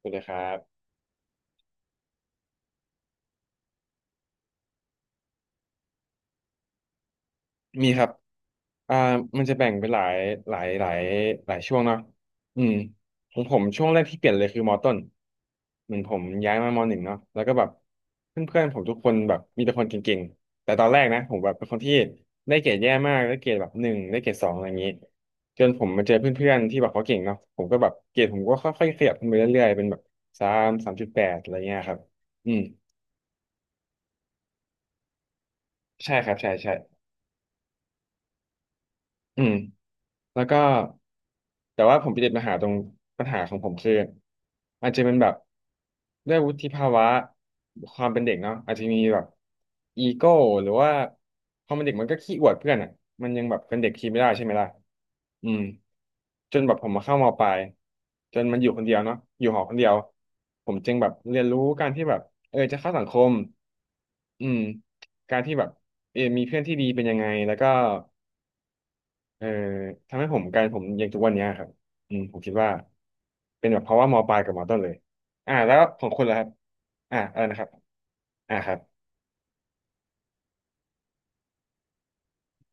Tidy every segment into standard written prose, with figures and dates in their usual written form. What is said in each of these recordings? สวัสดีครับมีครับอ่ามันจะแบ่งเป็นหลายหลายหลายช่วงเนาะอืมของผมช่วงแรกที่เปลี่ยนเลยคือมอต้นเหมือนผมย้ายมามอหนึ่งเนาะแล้วก็แบบเพื่อนๆผมทุกคนแบบมีแต่คนเก่งๆแต่ตอนแรกนะผมแบบเป็นคนที่ได้เกรดแย่มากได้เกรดแบบหนึ่งได้เกรดสองอะไรอย่างนี้จนผมมาเจอเพื่อนๆที่แบบเขาเก่งเนาะผมก็แบบเกรดผมก็ค่อยๆขยับขึ้นไปเรื่อยๆเป็นแบบสามจุดแปดอะไรเงี้ยครับอืมใช่ครับใช่ใช่อืม แล้วก็แต่ว่าผมไปติดปัญหาตรงปัญหาของผมคืออาจจะเป็นแบบด้วยวุฒิภาวะความเป็นเด็กเนาะอาจจะมีแบบอีโก้หรือว่าพอมันเด็กมันก็ขี้อวดเพื่อนอ่ะมันยังแบบเป็นเด็กขี้ไม่ได้ใช่ไหมล่ะอืมจนแบบผมมาเข้ามปลายจนมันอยู่คนเดียวเนาะอยู่หอคนเดียวผมจึงแบบเรียนรู้การที่แบบเออจะเข้าสังคมอืมการที่แบบเออมีเพื่อนที่ดีเป็นยังไงแล้วก็ เออทำให้ผมกลายเป็นผมอย่างทุกวันเนี้ยครับอืมผมคิดว่าเป็นแบบเพราะว่ามปลายกับมต้นเลยอ่าแล้วของคุณล่ะครับอ่าอะไรนะครับอ่าครับ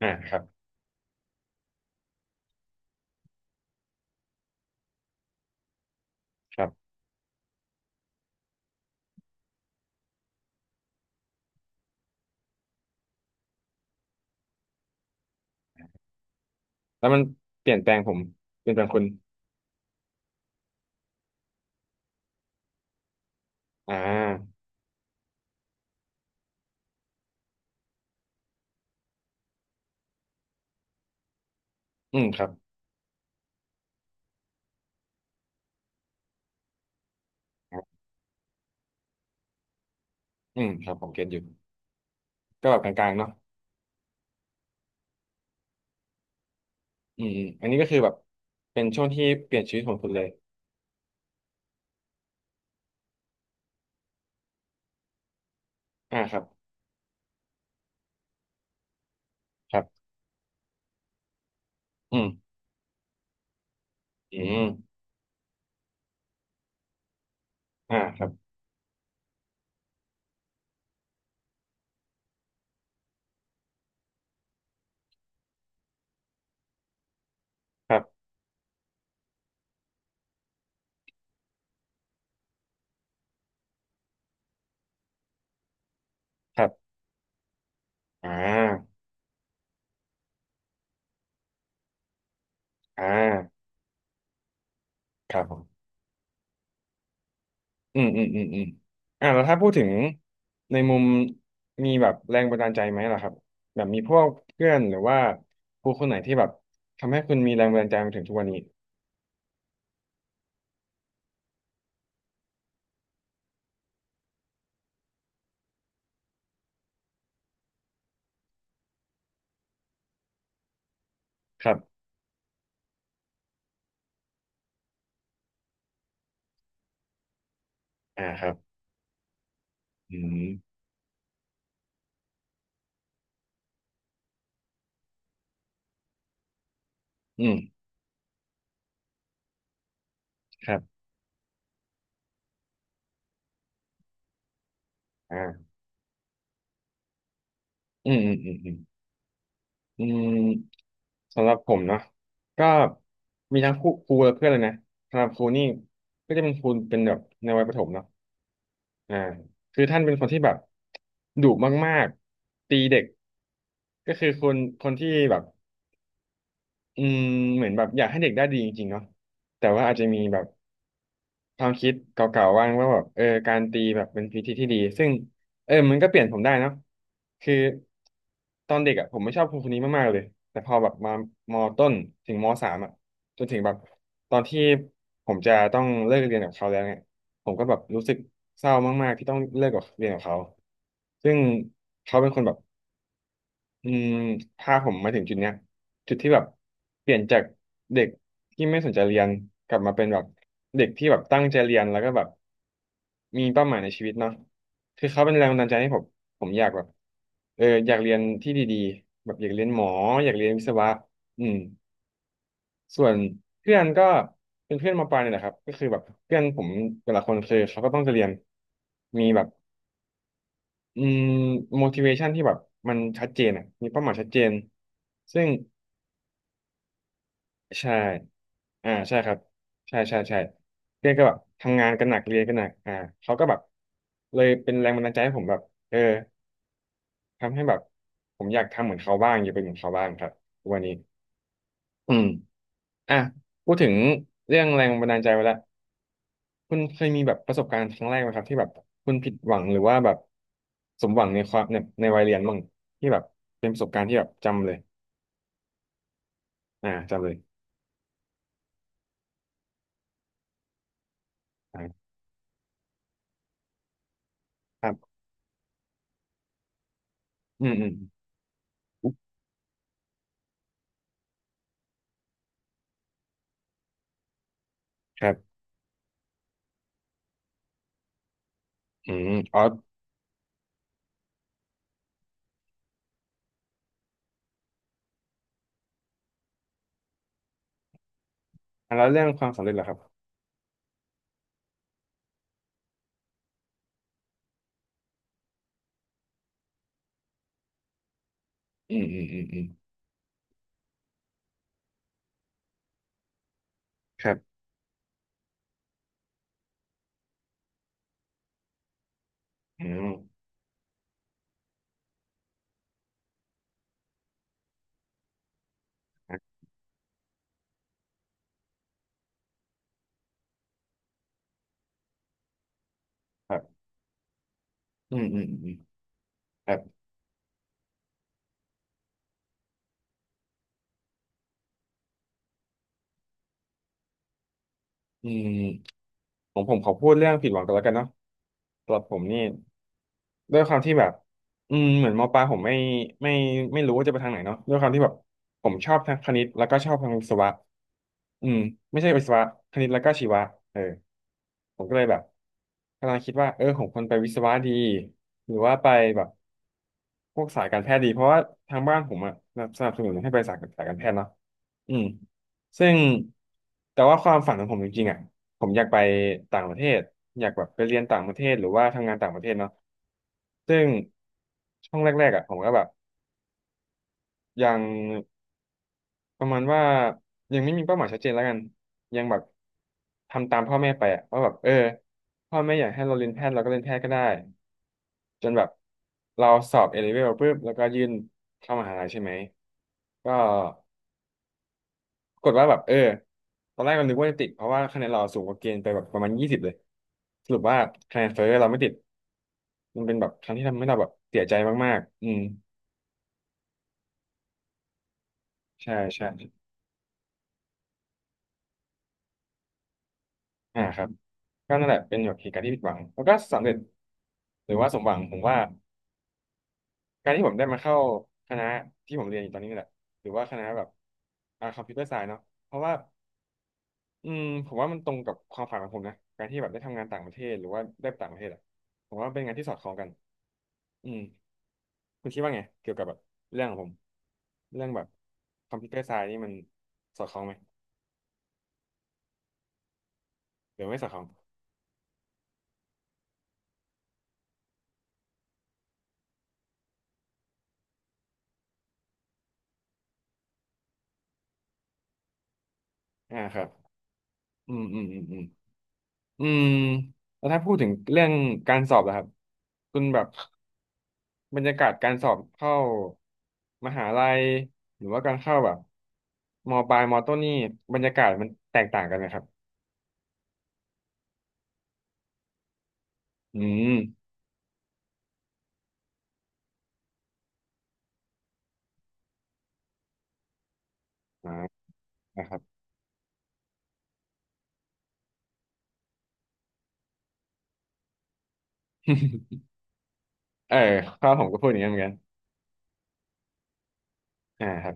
อ่าครับครับแล้วมันเปลี่ยนแปลงผมเปลี่ยนแปลงคุณอ่าอืมครับครับอืมครับผมเก็ตอยู่ก็แบบกลางๆเนาะอืมอันนี้ก็คือแบบเป็นช่วงที่เปลี่ยนชีวิตของคุณเลยอ่าครับครับอืมอืมอ่าครับครับครับอ่าอ่าครับผม อืมอืมอืมอืมอ่าแล้วถ้าพูดถึงในมุมมีแบบแรงบันดาลใจไหมล่ะครับแบบมีพวกเพื่อนหรือว่าครูคนไหนที่แบบทำให้คุณมีแรงบันดาลใจมาถึงทุกวันนี้ครับอ่าครับอืมอืมครับอ่าอืมอืมอืมอืมอืมสำหรับผมเนาะก็มีทั้งครูครูและเพื่อนเลยนะสำหรับครูนี่ก็จะเป็นครูเป็นแบบในวัยประถมเนาะ อ่าคือท่านเป็นคนที่แบบดุมากๆตีเด็กก็คือคนคนที่แบบอืมเหมือนแบบอยากให้เด็กได้ดีจริงๆเนาะแต่ว่าอาจจะมีแบบ ความคิดเก่าๆบ้างว่าแบบเออการตีแบบเป็นวิธีที่ดีซึ่งเออมันก็เปลี่ยนผมได้เนอะคือตอนเด็กอ่ะผมไม่ชอบครูคนนี้มากๆเลยแต่พอแบบมามอต้นถึงมสามอ่ะจนถึงแบบตอนที่ผมจะต้องเลิกเรียนกับเขาแล้วเนี่ยผมก็แบบรู้สึกเศร้ามากๆที่ต้องเลิกกับเรียนกับเขาซึ่งเขาเป็นคนแบบ อืมพาผมมาถึงจุดเนี้ยจุดที่แบบเปลี่ยนจากเด็กที่ไม่สนใจเรียนกลับมาเป็นแบบเด็กที่แบบตั้งใจเรียนแล้วก็แบบมีเป้าหมายในชีวิตเนาะคือเขาเป็นแรงบันดาลใจให้ผมผมอยากแบบเอออยากเรียนที่ดีๆแบบอยากเรียนหมออยากเรียนวิศวะอืมส่วนเพื่อนก็เป็นเพื่อนมปลายเนี่ยแหละครับก็คือแบบเพื่อนผมแต่ละคนคือเขาก็ต้องจะเรียนมีแบบอืม motivation ที่แบบมันชัดเจนอ่ะมีเป้าหมายชัดเจนซึ่ง ใช่อ่าใช่ครับใช่ใช่ใช่เพื่อนก็แบบทำงานกันหนักเรียนกันหนักอ่าเขาก็แบบเลยเป็นแรงบันดาลใจให้ผมแบบเออทำให้แบบผมอยากทำเหมือนเขาบ้างอยากเป็นเหมือนเขาบ้างครับวันนี้อืมอ่ะพูดถึงเรื่องแรงบันดาลใจไปแล้วคุณเคยมีแบบประสบการณ์ครั้งแรกไหมครับที่แบบคุณผิดหวังหรือว่าแบบสมหวังในความในในวัยเรียนบ้างที่แบบเป็นประสบการณ์ที่แบบจำเลยอ่าจำเลยอ่าครับอืมอืมครับอืมอ๋อ อ่ะแล้วเรื่องความสำเร็จล่ะครับอืมอืมอืมอืมครับอืมครับอืมอืมอืมอืมครับอืมผมขอพูดเรื่องผิดหวังกันแล้วกันเนาะสำหรับผมนี่ด้วยความที่แบบอืมเหมือนมปลายผมไม่ไม่รู้ว่าจะไปทางไหนเนาะด้วยความที่แบบผมชอบทางคณิตแล้วก็ชอบทางวิศวะอืมไม่ใช่วิศวะคณิตแล้วก็ชีวะเออ ผมก็เลยแบบกำลังคิดว่าเออผมควรไปวิศวะดีหรือว่าไปแบบพวกสายการแพทย์ดีเพราะว่าทางบ้านผมอะสนับสนุนให้ไปสายการแพทย์เนาะอืมซึ่งแต่ว่าความฝันของผมจริงๆอะผมอยากไปต่างประเทศอยากแบบไปเรียนต่างประเทศหรือว่าทำงานต่างประเทศเนาะซึ่งช่วงแรกๆอะผมก็แบบยัง ประมาณว่ายังไม่มีเป้าหมายชัดเจนแล้วกันยังแบบทำตามพ่อแม่ไปอะว่าแบบเออพ่อแม่อยากให้เราเรียนแพทย์เราก็เรียนแพทย์ก็ได้จนแบบเราสอบเอเลเวลปุ๊บแล้วก็ยื่นเข้ามหาลัยใช่ไหมก็ปรากฏว่าแบบเออตอนแรกเรานึกว่าจะติดเพราะว่าคะแนนเราสูงกว่าเกณฑ์ไปแบบประมาณ20เลยสรุปว่าคะแนนเฟ้อเราไม่ติดมันเป็นแบบครั้งที่ทำให้เราแบบเสียใจมากๆอืมใช่ใช่ อ่าครับก็นั่นแหละเป็นแบบเหตุการณ์ที่ผิดหวังแล้วก็สำเร็จหรือว่าสมหวังผมว่าการที่ผมได้มาเข้าคณะที่ผมเรียนอยู่ตอนนี้นี่แหละหรือว่าคณะแบบอ่าคอมพิวเตอร์ไซน์เนาะเพราะว่าอืมผมว่ามันตรงกับความฝันของผมนะการที่แบบได้ทำงานต่างประเทศหรือว่าได้ไปต่างประเทศอะผมว่าเป็นงานที่สอดคล้องกันอืมคุณคิดว่าไงเกี่ยวกับแบบเรื่องของผมเรื่องแบบคอมพิวเตอร์ไซน์นี่มันสอดคล้องไหมหรือไม่สอดคล้องอ่าครับอืมอืมอืมอืม อืมแล้วถ้าพูดถึงเรื่องการสอบล่ะครับคุณแบบบรรยากาศการสอบเข้ามหาลัยหรือว่าการเข้าแบบมปลายมต้นนี่บรรยากาศมันแตกต่างกันไหมครับอืมอ่านะครับ เออข้าวผมก็พูดอย่างนี้นเหมือนกันอ่าครับ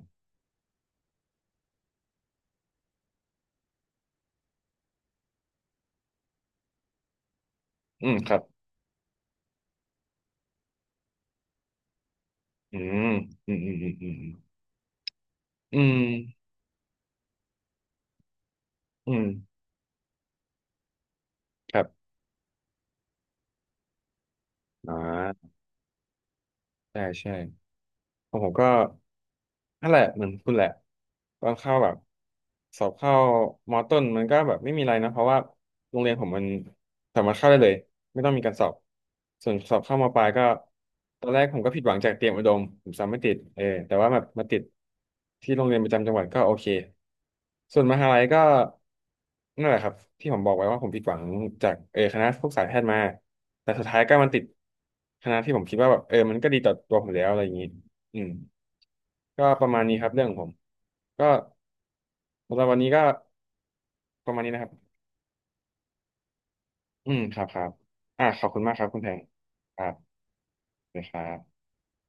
อืมครับอืมอืมอืมอืมอืมอืมอืมครับอ่าใช่ใช่ ของผมก็นั่นแหละเหมือนคุณแหละตอนเข้าแบบสอบเข้ามอต้นมันก็แบบไม่มีอะไรนะเพราะว่าโรงเรียนผมมันสามารถเข้าได้เลยไม่ต้องมีการสอบส่วนสอบเข้ามอปลายก็ตอนแรกผมก็ผิดหวังจากเตรียมอุดมผมสอบไม่ติดเออแต่ว่าแบบมาติดที่โรงเรียนประจำจังหวัดก็โอเคส่วนมหาลัยก็นั่นแหละครับที่ผมบอกไว้ว่าผมผิดหวังจากเออคณะพวกสายแพทย์มาแต่สุดท้ายก็มันติดคณะที่ผมคิดว่าแบบเออมันก็ดีต่อตัวผมแล้วอะไรอย่างนี้ อืมก็ประมาณนี้ครับเรื่องของผมก็สำหรับวันนี้ก็ประมาณนี้นะครับอืมครับครับอ่าขอบคุณมากครับคุณแพงครับเลยครับ